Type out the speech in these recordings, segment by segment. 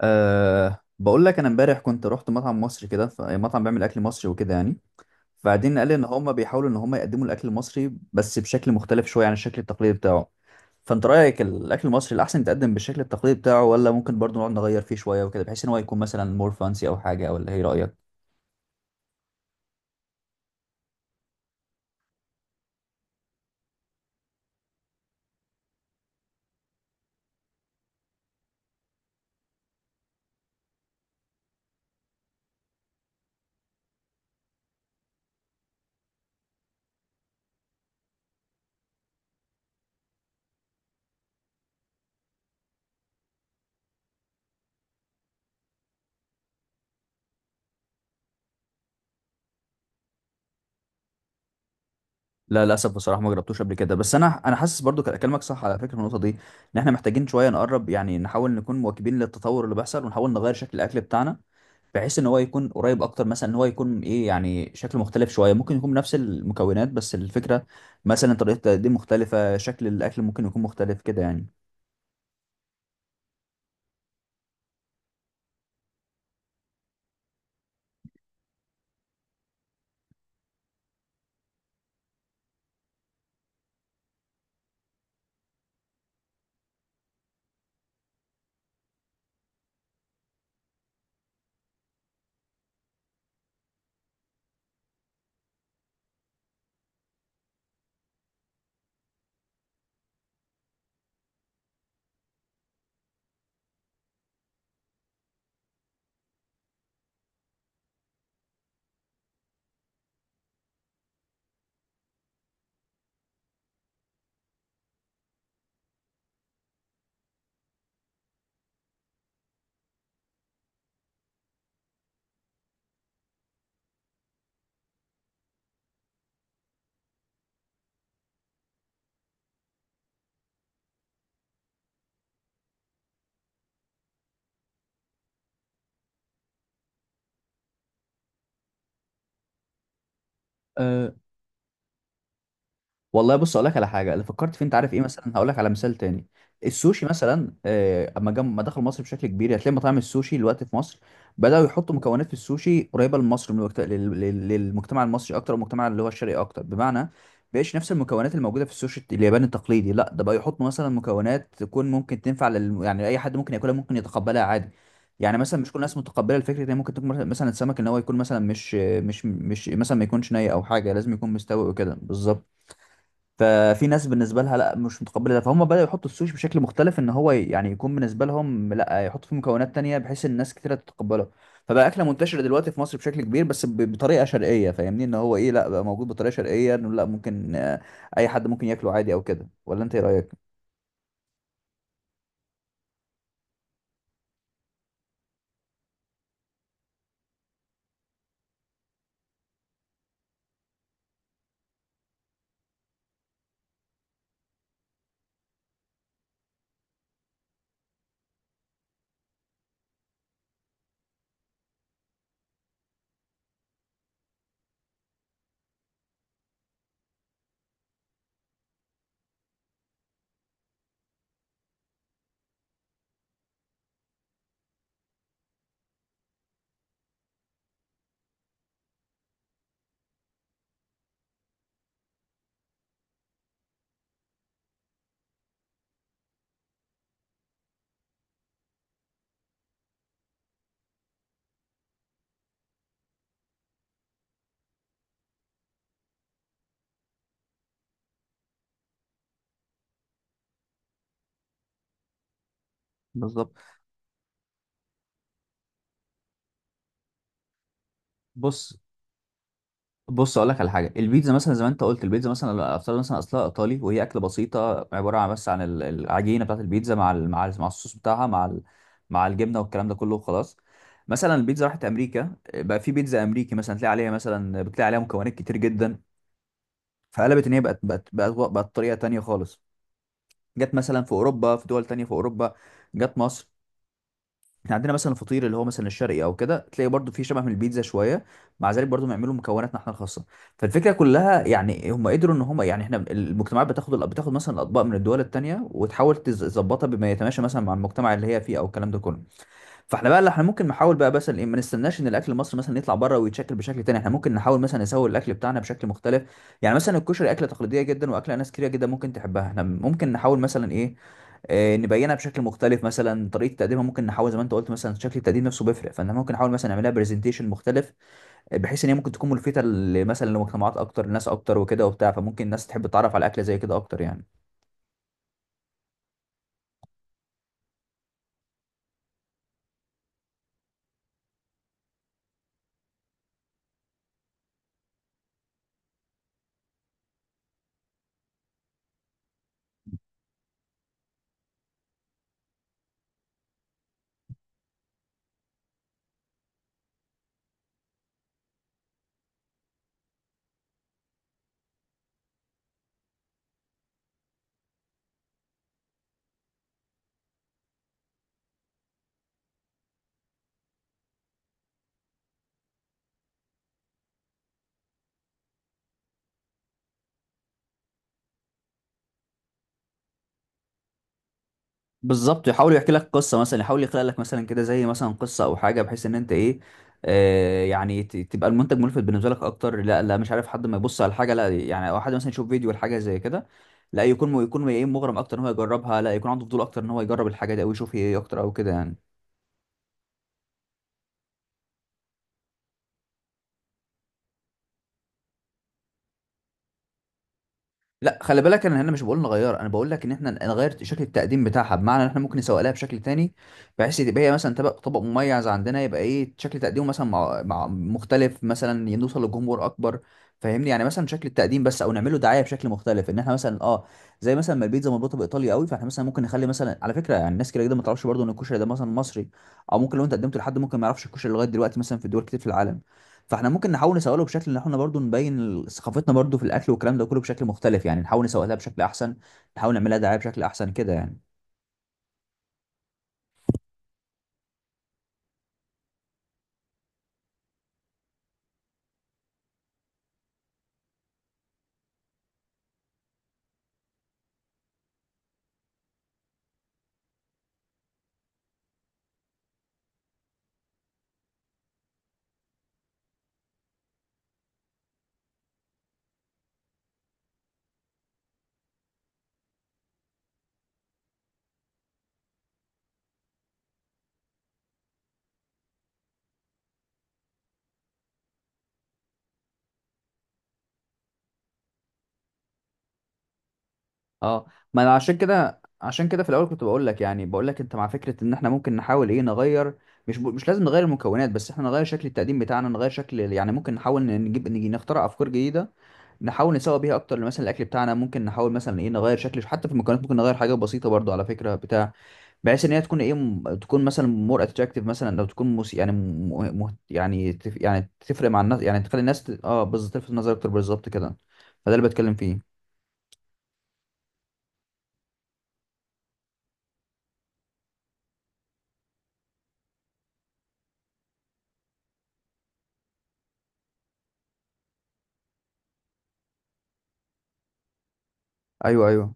بقول لك انا امبارح كنت رحت مطعم مصري كده مطعم بيعمل اكل مصري وكده يعني. فبعدين قال لي ان هم بيحاولوا ان هم يقدموا الاكل المصري بس بشكل مختلف شويه عن الشكل التقليدي بتاعه. فانت رايك الاكل المصري الاحسن يتقدم بالشكل التقليدي بتاعه، ولا ممكن برضه نقعد نغير فيه شويه وكده بحيث ان هو يكون مثلا مور فانسي او حاجه، ولا ايه رايك؟ لا للاسف بصراحه ما جربتوش قبل كده، بس انا حاسس برضو كلامك صح على فكره في النقطه دي. ان احنا محتاجين شويه نقرب، يعني نحاول نكون مواكبين للتطور اللي بيحصل ونحاول نغير شكل الاكل بتاعنا بحيث ان هو يكون قريب اكتر، مثلا ان هو يكون ايه، يعني شكل مختلف شويه، ممكن يكون نفس المكونات بس الفكره مثلا طريقه التقديم مختلفه، شكل الاكل ممكن يكون مختلف كده يعني. والله بص اقول لك على حاجه اللي فكرت فيه، انت عارف ايه؟ مثلا هقول لك على مثال تاني. السوشي مثلا، اما ما دخل مصر بشكل كبير، يعني هتلاقي مطاعم السوشي دلوقتي في مصر بداوا يحطوا مكونات في السوشي قريبه لمصر، من الوقت... لل... لل- للمجتمع المصري اكتر والمجتمع اللي هو الشرقي اكتر. بمعنى بقيش نفس المكونات الموجوده في السوشي الياباني التقليدي. لا ده بقى يحطوا مثلا مكونات تكون ممكن تنفع يعني اي حد ممكن ياكلها، ممكن يتقبلها عادي. يعني مثلا مش كل الناس متقبله الفكره ان ممكن تكون مثلا السمك ان هو يكون مثلا مش مثلا، ما يكونش ني او حاجه، لازم يكون مستوي وكده بالظبط. ففي ناس بالنسبه لها لا مش متقبله ده، فهم بداوا يحطوا السوشي بشكل مختلف ان هو يعني يكون بالنسبه لهم، لا يحطوا فيه مكونات تانية بحيث الناس كتيره تتقبله. فبقى اكله منتشره دلوقتي في مصر بشكل كبير، بس بطريقه شرقيه. فاهمني ان هو ايه؟ لا، بقى موجود بطريقه شرقيه، انه لا ممكن اي حد ممكن ياكله عادي او كده، ولا انت ايه رايك؟ بالظبط. بص بص اقول لك على حاجه. البيتزا مثلا زي ما انت قلت، البيتزا مثلا افترض مثلا اصلها ايطالي، وهي اكله بسيطه عباره عن بس عن العجينه بتاعت البيتزا مع مع الصوص بتاعها، مع مع الجبنه والكلام ده كله وخلاص. مثلا البيتزا راحت امريكا، بقى في بيتزا امريكي مثلا تلاقي عليها مثلا، بتلاقي عليها مكونات كتير جدا، فقلبت ان هي بقت طريقه تانيه خالص. جت مثلا في اوروبا، في دول تانيه في اوروبا، جت مصر. احنا عندنا مثلا الفطير اللي هو مثلا الشرقي او كده، تلاقي برضو فيه شبه من البيتزا شويه. مع ذلك برضو بيعملوا مكوناتنا احنا الخاصه. فالفكره كلها يعني هم قدروا ان هم، يعني احنا المجتمعات بتاخد مثلا الاطباق من الدول التانيه وتحاول تظبطها بما يتماشى مثلا مع المجتمع اللي هي فيه او الكلام ده كله. فاحنا بقى اللي احنا ممكن نحاول بقى، بس ما نستناش ان الاكل المصري مثلا يطلع بره ويتشكل بشكل تاني. احنا ممكن نحاول مثلا نسوي الاكل بتاعنا بشكل مختلف. يعني مثلا الكشري اكله تقليديه جدا، واكله ناس كتير جدا ممكن تحبها، احنا ممكن نحاول مثلا ايه، نبينها بشكل مختلف. مثلا طريقه تقديمها ممكن نحاول زي ما انت قلت، مثلا شكل التقديم نفسه بيفرق، فاحنا ممكن نحاول مثلا نعملها برزنتيشن مختلف، بحيث ان هي ممكن تكون ملفته مثلا لمجتمعات اكتر، لناس اكتر وكده وبتاع. فممكن الناس تحب تتعرف على اكله زي كده اكتر يعني. بالظبط، يحاول يحكي لك قصه، مثلا يحاول يخلق لك مثلا كده زي مثلا قصه او حاجه بحيث ان انت ايه، آه يعني تبقى المنتج ملفت بالنسبه لك اكتر. لا لا، مش عارف، حد ما يبص على حاجه لا يعني، او حد مثلا يشوف فيديو لحاجه زي كده، لا يكون يكون ايه، مغرم اكتر ان هو يجربها، لا يكون عنده فضول اكتر ان هو يجرب الحاجه دي، او يشوف هي ايه اكتر او كده يعني. لا خلي بالك، انا هنا مش بقول نغير، انا بقول لك ان احنا نغير شكل التقديم بتاعها. بمعنى ان احنا ممكن نسوق لها بشكل تاني، بحيث تبقى هي مثلا طبق مميز عندنا، يبقى ايه شكل تقديمه مثلا مع مختلف، مثلا نوصل لجمهور اكبر. فاهمني؟ يعني مثلا شكل التقديم بس، او نعمله دعايه بشكل مختلف، ان احنا مثلا اه زي مثلا ما البيتزا مربوطه بايطاليا قوي، فاحنا مثلا ممكن نخلي مثلا على فكره، يعني الناس كده كده ما تعرفش برضه ان الكشري ده مثلا مصري، او ممكن لو انت قدمته لحد ممكن ما يعرفش الكشري لغايه دلوقتي مثلا في دول كتير في العالم. فاحنا ممكن نحاول نسوقله بشكل ان احنا برضو نبين ثقافتنا برضو في الاكل والكلام ده كله بشكل مختلف. يعني نحاول نسوقها بشكل احسن، نحاول نعملها دعايه بشكل احسن كده يعني. اه ما انا عشان كده، عشان كده في الاول كنت بقول لك، يعني بقول لك انت مع فكره ان احنا ممكن نحاول ايه نغير. مش لازم نغير المكونات بس، احنا نغير شكل التقديم بتاعنا، نغير شكل يعني. ممكن نحاول ن- نجيب نجي نخترع افكار جديده نحاول نسوق بيها اكتر مثلا الاكل بتاعنا. ممكن نحاول مثلا ايه نغير شكل، حتى في المكونات ممكن نغير حاجه بسيطه برضو على فكره بتاع، بحيث ان هي تكون ايه تكون مثلا مور اتراكتيف. مثلا لو تكون موسي يعني يعني يعني تفرق مع الناس، يعني تخلي الناس اه بالظبط، تلفت النظر اكتر بالظبط كده. فده اللي بتكلم فيه. ايوه ايوه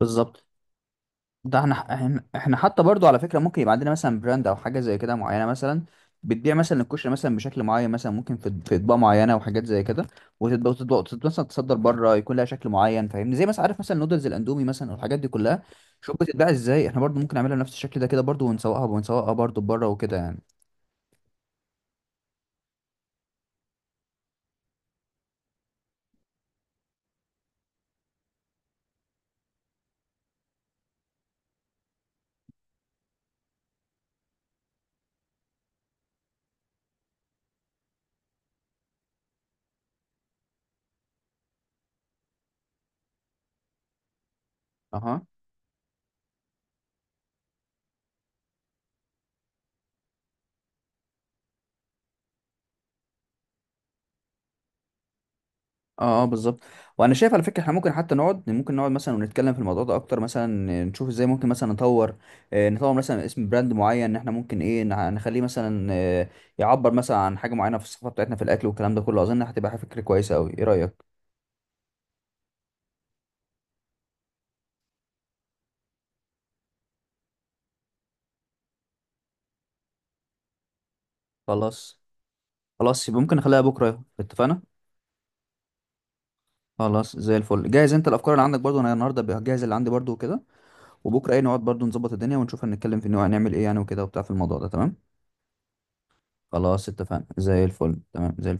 بالظبط. ده احنا حتى برضو على فكره ممكن يبقى عندنا مثلا براند او حاجه زي كده معينه، مثلا بتبيع مثلا الكشري مثلا بشكل معين، مثلا ممكن في اطباق معينه وحاجات زي كده. وتبقى مثلا تصدر بره، يكون لها شكل معين. فاهمني؟ زي مثلا عارف مثلا نودلز الاندومي مثلا والحاجات دي كلها، شوف بتتباع ازاي. احنا برضو ممكن نعملها بنفس الشكل ده كده برضو، ونسوقها ونسوقها برضو بره وكده يعني. اها اه اه بالظبط. وانا شايف على فكره احنا ممكن حتى نقعد، ممكن نقعد مثلا ونتكلم في الموضوع ده اكتر، مثلا نشوف ازاي ممكن مثلا نطور، نطور مثلا اسم براند معين، ان احنا ممكن ايه نخليه مثلا يعبر مثلا عن حاجه معينه في الثقافه بتاعتنا في الاكل والكلام ده كله. اظن هتبقى فكره كويسه قوي، ايه رايك؟ خلاص. خلاص يبقى ممكن نخليها بكره، اتفقنا. خلاص زي الفل جاهز. انت الافكار اللي عندك برضو، انا النهارده بجهز اللي عندي برضو وكده، وبكره ايه نقعد برضو نظبط الدنيا ونشوف هنتكلم في إنه هنعمل ايه يعني وكده وبتاع في الموضوع ده، تمام. خلاص اتفقنا زي الفل، تمام زي